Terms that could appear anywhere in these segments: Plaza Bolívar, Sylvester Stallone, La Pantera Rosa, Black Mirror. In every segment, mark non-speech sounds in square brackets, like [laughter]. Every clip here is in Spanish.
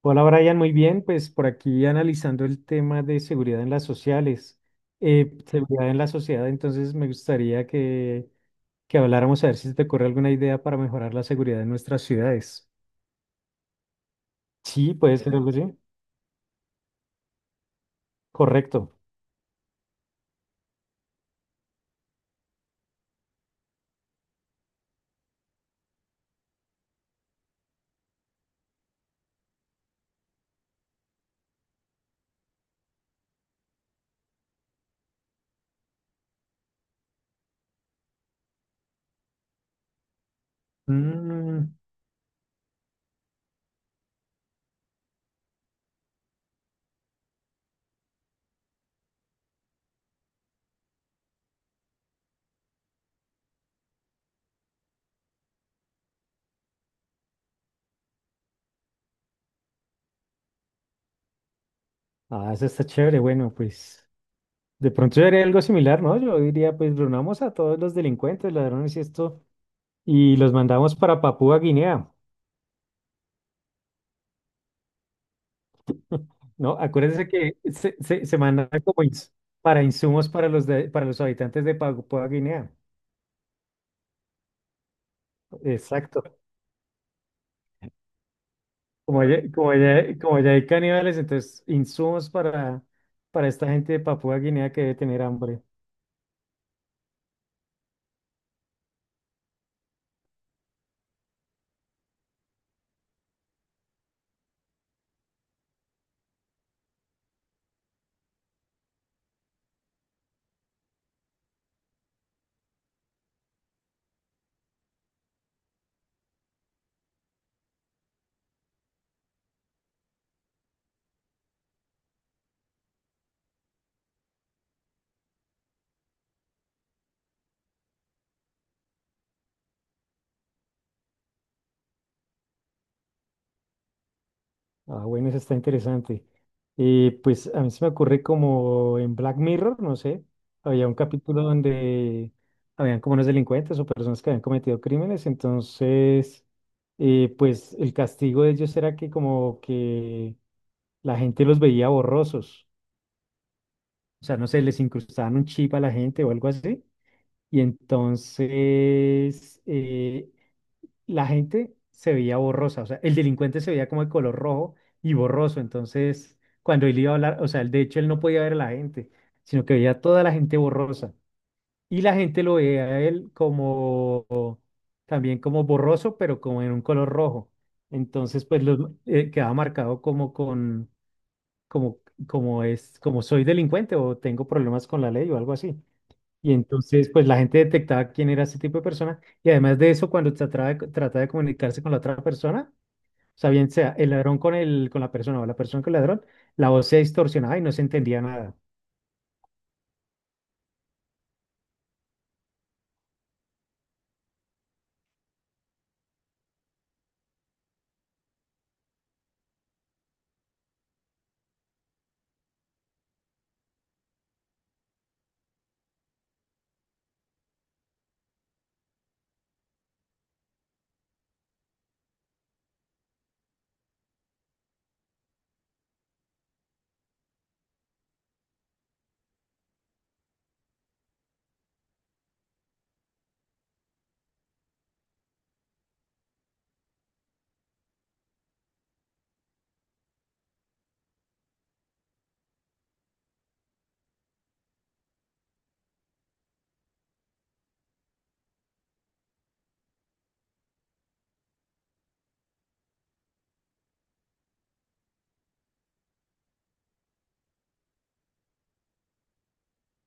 Hola Brian, muy bien. Pues por aquí analizando el tema de seguridad en las sociales, seguridad en la sociedad, entonces me gustaría que habláramos a ver si se te ocurre alguna idea para mejorar la seguridad en nuestras ciudades. Sí, puede ser algo así. Correcto. Mm, ah, eso está chévere. Bueno, pues de pronto yo haría algo similar, ¿no? Yo diría, pues reunamos a todos los delincuentes, ladrones y esto, y los mandamos para Papúa Guinea. ¿No? Acuérdense que se mandan como para insumos para para los habitantes de Papúa Guinea. Exacto. Como ya, como ya hay caníbales, entonces insumos para esta gente de Papúa Guinea que debe tener hambre. Ah, bueno, eso está interesante. Y pues a mí se me ocurre como en Black Mirror, no sé, había un capítulo donde habían como unos delincuentes o personas que habían cometido crímenes, entonces, pues el castigo de ellos era que como que la gente los veía borrosos. O sea, no sé, les incrustaban un chip a la gente o algo así. Y entonces la gente se veía borrosa. O sea, el delincuente se veía como de color rojo y borroso. Entonces, cuando él iba a hablar, o sea, de hecho él no podía ver a la gente, sino que veía a toda la gente borrosa. Y la gente lo veía a él como también como borroso, pero como en un color rojo. Entonces, pues quedaba marcado como con como, como soy delincuente o tengo problemas con la ley o algo así. Y entonces, pues la gente detectaba quién era ese tipo de persona. Y además de eso, cuando trataba de comunicarse con la otra persona, o sea, bien sea el ladrón con la persona o la persona con el ladrón, la voz se distorsionaba y no se entendía nada.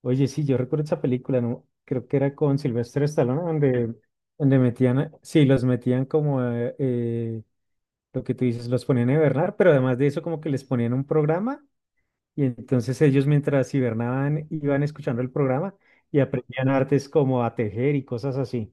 Oye, sí, yo recuerdo esa película, ¿no? Creo que era con Sylvester Stallone, donde, donde sí, los metían como, lo que tú dices, los ponían a hibernar, pero además de eso, como que les ponían un programa. Y entonces ellos mientras hibernaban iban escuchando el programa y aprendían artes como a tejer y cosas así.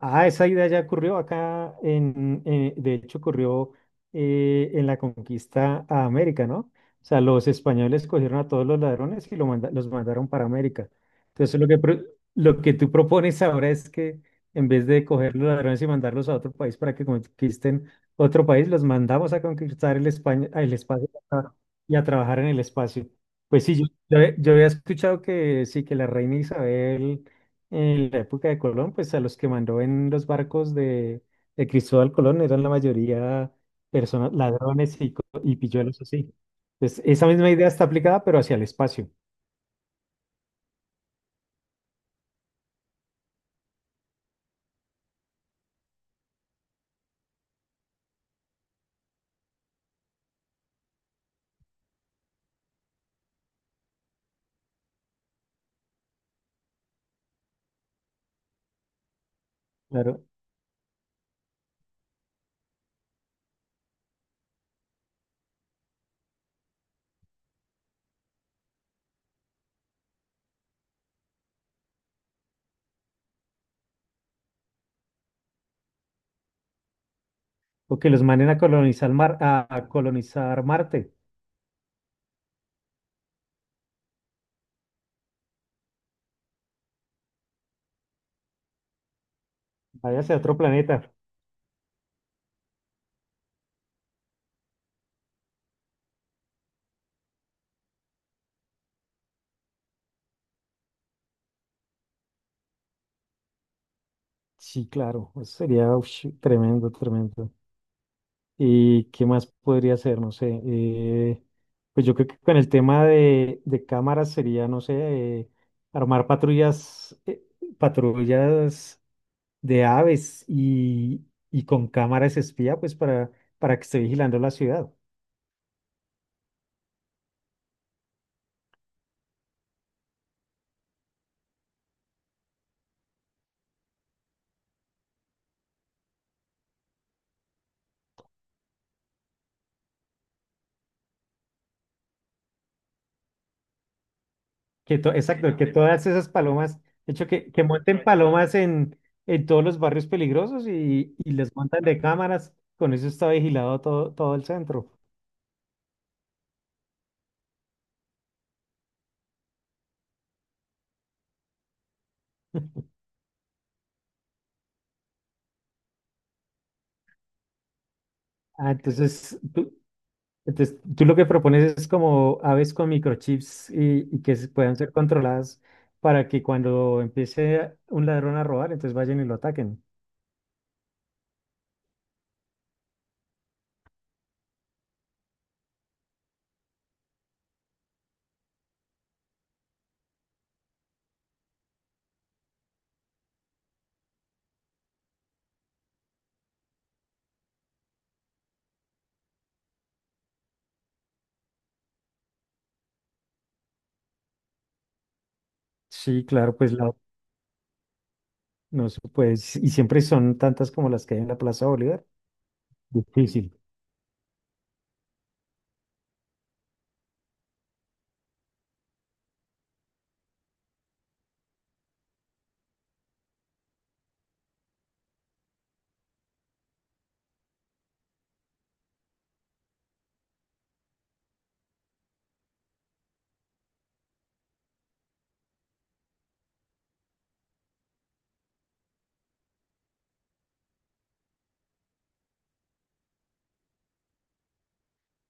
Ah, esa idea ya ocurrió acá, de hecho ocurrió en la conquista a América, ¿no? O sea, los españoles cogieron a todos los ladrones y los mandaron para América. Entonces, lo que tú propones ahora es que en vez de coger los ladrones y mandarlos a otro país para que conquisten otro país, los mandamos a conquistar España, el espacio y a trabajar en el espacio. Pues sí, yo había escuchado que sí, que la reina Isabel en la época de Colón, pues a los que mandó en los barcos de Cristóbal Colón eran la mayoría personas, ladrones y pilluelos así. Entonces, esa misma idea está aplicada, pero hacia el espacio, claro. O que los manden a colonizar a colonizar Marte, vaya hacia otro planeta. Sí, claro, eso sería ush, tremendo, tremendo. ¿Y qué más podría ser? No sé. Pues yo creo que con el tema de cámaras sería, no sé, armar patrullas, patrullas de aves y con cámaras espía, pues para que esté vigilando la ciudad. Exacto, que todas esas palomas, de hecho, que monten palomas en todos los barrios peligrosos y les montan de cámaras. Con eso está vigilado todo, todo el centro. Ah, entonces, tú- Entonces, tú lo que propones es como aves con microchips y que se puedan ser controladas para que cuando empiece un ladrón a robar, entonces vayan y lo ataquen. Sí, claro, pues no se puede, y siempre son tantas como las que hay en la Plaza Bolívar. Difícil.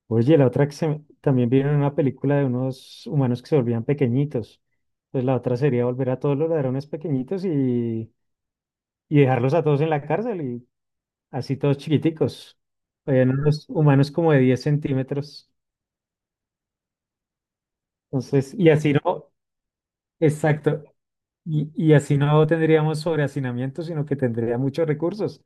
Oye, la otra que se me- también vieron una película de unos humanos que se volvían pequeñitos. Entonces la otra sería volver a todos los ladrones pequeñitos y dejarlos a todos en la cárcel y así todos chiquiticos. Habían unos humanos como de 10 centímetros. Entonces, y así no, exacto, y así no tendríamos sobrehacinamiento, sino que tendría muchos recursos.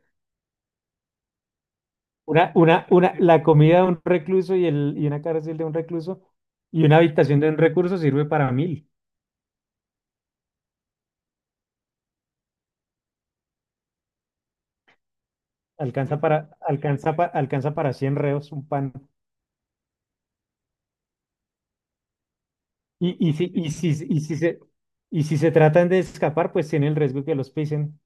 Una, la comida de un recluso y una cárcel de un recluso y una habitación de un recluso sirve para mil, alcanza para, alcanza para 100 reos un pan. Y, y, si, y, si, y, si se, y si se tratan de escapar, pues tiene el riesgo que los pisen.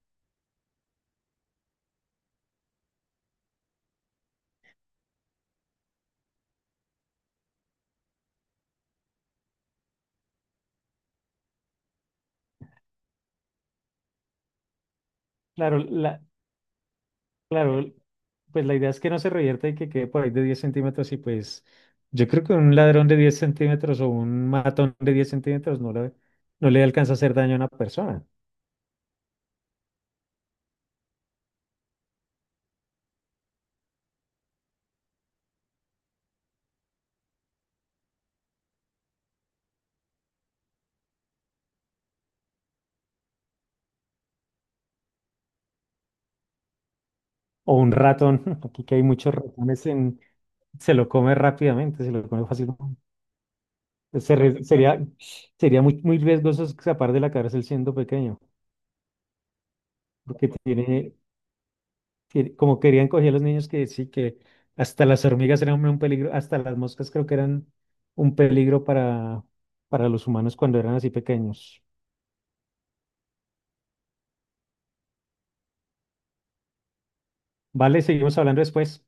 Claro, la, Claro, pues la idea es que no se revierta y que quede por ahí de 10 centímetros y pues yo creo que un ladrón de 10 centímetros o un matón de 10 centímetros no le alcanza a hacer daño a una persona. O un ratón, [laughs] aquí que hay muchos ratones, se lo come rápidamente, se lo come fácilmente. Sería sería muy, muy riesgoso escapar de la cárcel siendo pequeño, porque como querían coger a los niños que hasta las hormigas eran un peligro, hasta las moscas creo que eran un peligro para los humanos cuando eran así pequeños. Vale, seguimos hablando después.